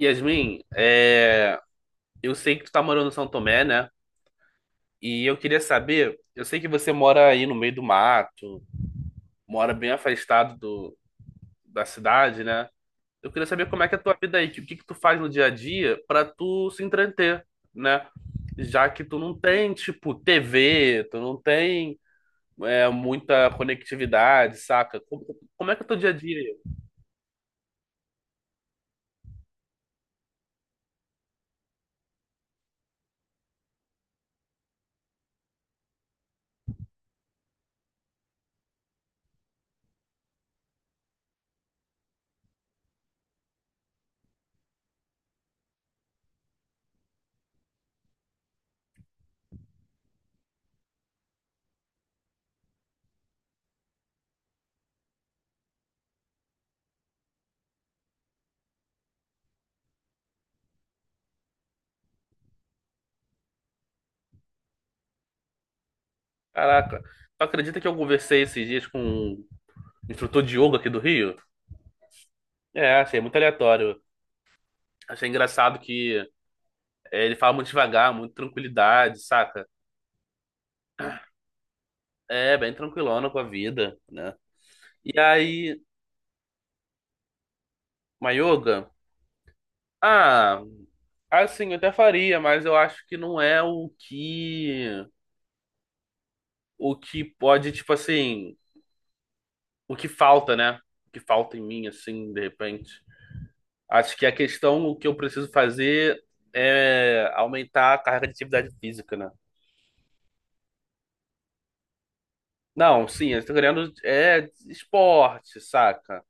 Yasmin, eu sei que tu tá morando em São Tomé, né? E eu queria saber, eu sei que você mora aí no meio do mato, mora bem afastado da cidade, né? Eu queria saber como é que é a tua vida aí, o que que tu faz no dia a dia pra tu se entreter, né? Já que tu não tem, tipo, TV, tu não tem muita conectividade, saca? Como é que é o teu dia a dia aí? Caraca, tu acredita que eu conversei esses dias com um instrutor de yoga aqui do Rio? É, achei muito aleatório. Achei engraçado que ele fala muito devagar, muito tranquilidade, saca? É, bem tranquilona com a vida, né? E aí, Mayoga? Ah, assim, eu até faria, mas eu acho que não é o que. O que pode, tipo assim. O que falta, né? O que falta em mim, assim, de repente. Acho que a questão, o que eu preciso fazer é aumentar a carga de atividade física, né? Não, sim, eu tô querendo é esporte, saca?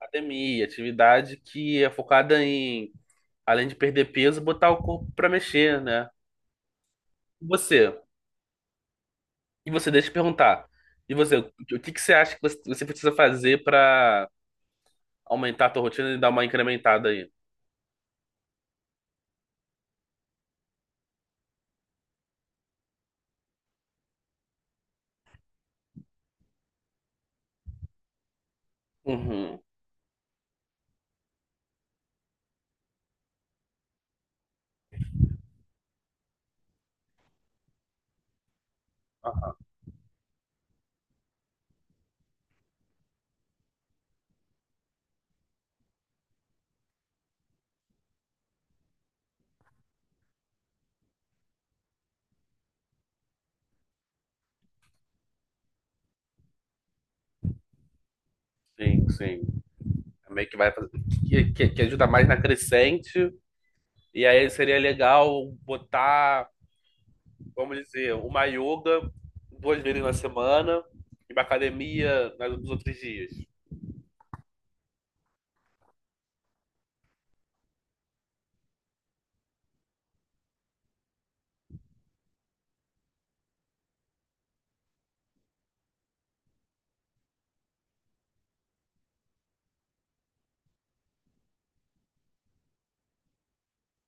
Academia, atividade que é focada em, além de perder peso, botar o corpo pra mexer, né? E você? E você, deixa eu te perguntar. E você, o que que você acha que você precisa fazer pra aumentar a tua rotina e dar uma incrementada aí? Uhum. Ah, sim, sim. É. Meio que vai fazer, que ajuda mais na crescente. E aí seria legal botar, vamos dizer, uma yoga duas vezes na semana e uma academia nos outros dias.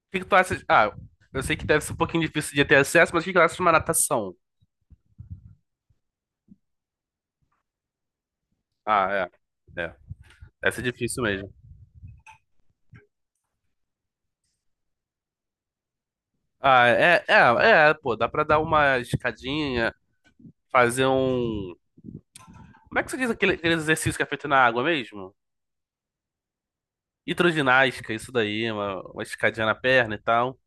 O que que tu acha? Ah, eu sei que deve ser um pouquinho difícil de ter acesso, mas o que que tu acha de uma natação? Ah, é. É. Deve ser difícil mesmo. Ah, pô, dá pra dar uma escadinha, fazer um. Como é que você diz aquele exercício que é feito na água mesmo? Hidroginástica, isso daí, uma escadinha na perna e tal.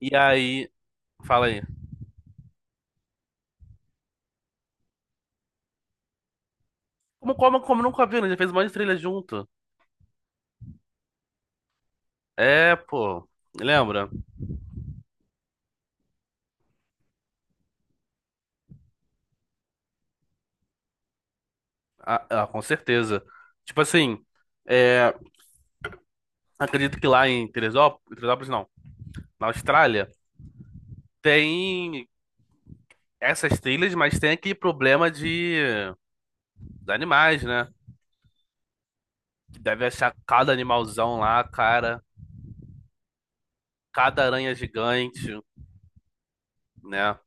E aí, fala aí. Como nunca viu, né? Já fez um monte de trilha junto. É, pô, lembra? Ah, ah, com certeza. Tipo assim, é, acredito que lá em Teresópolis, Teresópolis não. Na Austrália tem essas trilhas, mas tem aquele problema de animais, né? Que deve achar cada animalzão lá, cara, cada aranha gigante, né?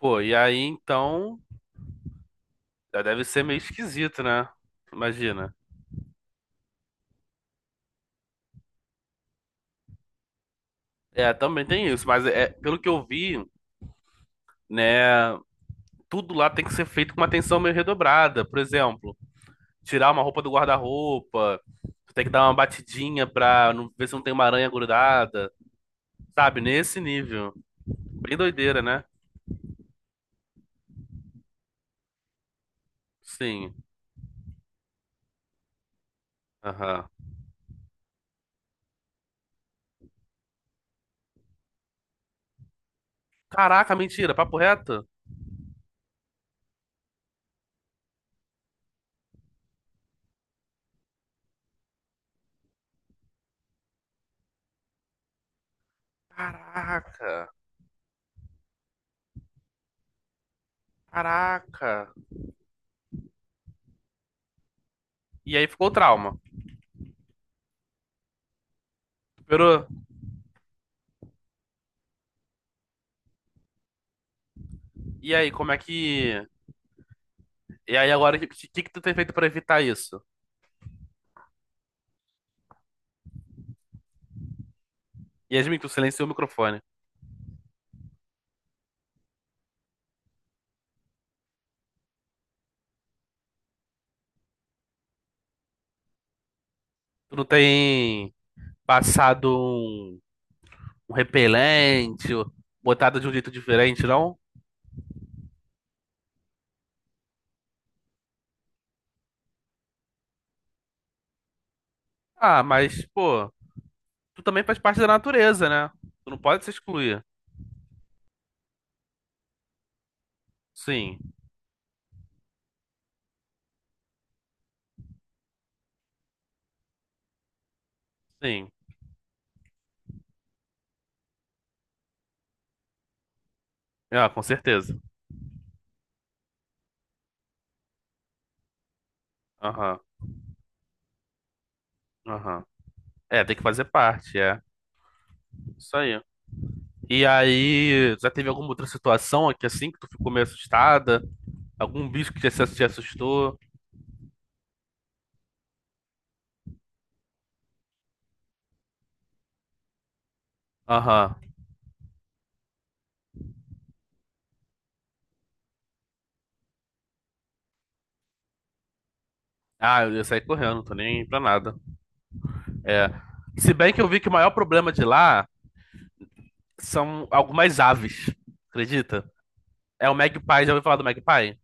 Pô, e aí então já deve ser meio esquisito, né? Imagina. É, também tem isso, mas é, pelo que eu vi, né? Tudo lá tem que ser feito com uma atenção meio redobrada. Por exemplo, tirar uma roupa do guarda-roupa, tem que dar uma batidinha pra não, ver se não tem uma aranha grudada, sabe? Nesse nível. Bem doideira, né? Sim. Aham. Caraca, mentira, papo reto? Caraca, caraca. E aí ficou o trauma. Pero, e aí, como é que. E aí agora, o que que tu tem feito pra evitar isso? Yasmin, tu silenciou o microfone. Tu não tem passado um repelente, ou botado de um jeito diferente, não? Ah, mas, pô, tu também faz parte da natureza, né? Tu não pode se excluir. Sim, sim. Ah, com certeza. Aham, aham. É, tem que fazer parte, é. Isso aí. E aí, já teve alguma outra situação aqui assim que tu ficou meio assustada? Algum bicho que te assustou? Aham. Ah, eu ia sair correndo, tô nem pra nada. É. Se bem que eu vi que o maior problema de lá são algumas aves, acredita? É o magpie, já ouviu falar do magpie?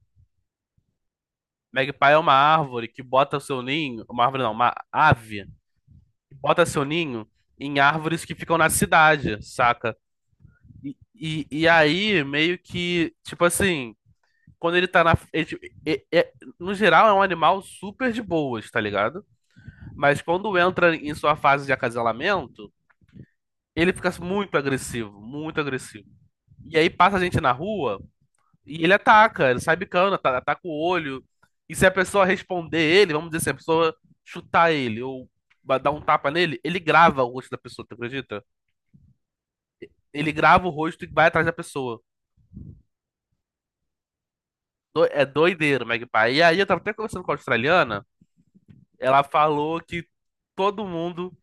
Magpie é uma árvore que bota seu ninho, uma árvore não, uma ave que bota seu ninho em árvores que ficam na cidade, saca? E aí, meio que, tipo assim, quando ele tá na. Ele, tipo, no geral, é um animal super de boas, tá ligado? Mas quando entra em sua fase de acasalamento, ele fica muito agressivo, muito agressivo. E aí passa a gente na rua e ele ataca, ele sai bicando, ataca o olho. E se a pessoa responder ele, vamos dizer, se a pessoa chutar ele ou dar um tapa nele, ele grava o rosto da pessoa, tu acredita? Ele grava o rosto e vai atrás da pessoa. É doideiro, o Magpie. E aí eu tava até conversando com a australiana, ela falou que todo mundo,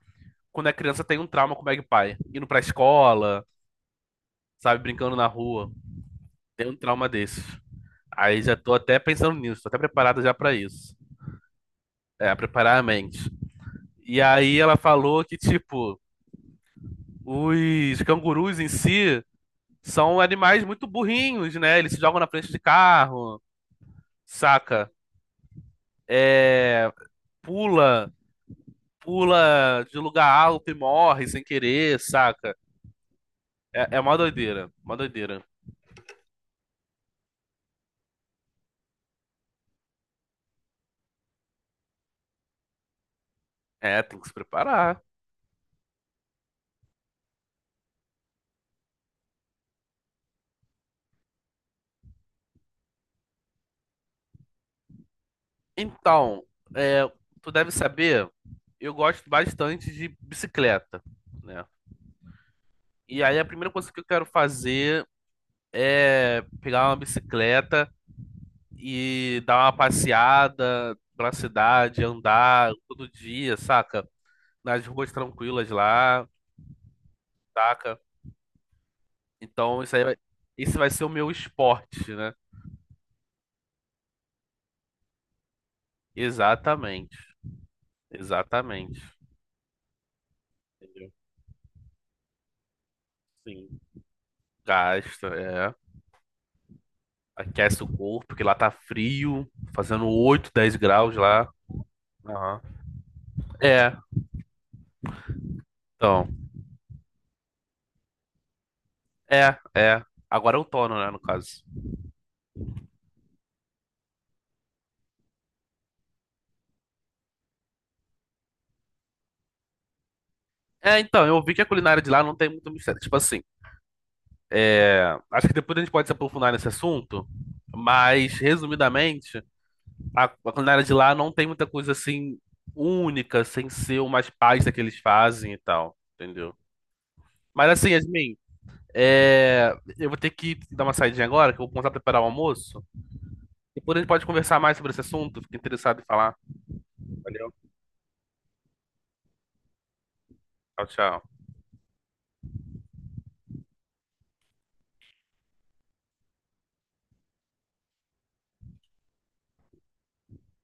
quando é criança, tem um trauma com o Magpie. Indo pra escola, sabe, brincando na rua, tem um trauma desses. Aí já tô até pensando nisso, tô até preparado já pra isso. É, preparar a mente. E aí ela falou que, tipo, os cangurus em si são animais muito burrinhos, né? Eles se jogam na frente de carro, saca? É, pula pula de lugar alto e morre sem querer, saca? É, é uma doideira, uma doideira. É, tem que se preparar. Então, é, tu deve saber, eu gosto bastante de bicicleta, né? E aí a primeira coisa que eu quero fazer é pegar uma bicicleta e dar uma passeada pela cidade, andar todo dia, saca? Nas ruas tranquilas lá, saca? Então isso aí vai, esse vai ser o meu esporte, né? Exatamente. Exatamente. Entendeu? Sim. Gasta, é. Aquece o corpo, porque lá tá frio, fazendo 8 10 graus lá. Aham. É, então. É, é. Agora é outono, né, no caso. É, então, eu vi que a culinária de lá não tem muito mistério. Tipo assim, é, acho que depois a gente pode se aprofundar nesse assunto, mas, resumidamente, a culinária de lá não tem muita coisa assim única, sem ser umas pastas que eles fazem e tal, entendeu? Mas assim, Yasmin. É, eu vou ter que dar uma saidinha agora, que eu vou começar a preparar o almoço. Depois a gente pode conversar mais sobre esse assunto. Fico interessado em falar. Valeu. Tchau, tchau.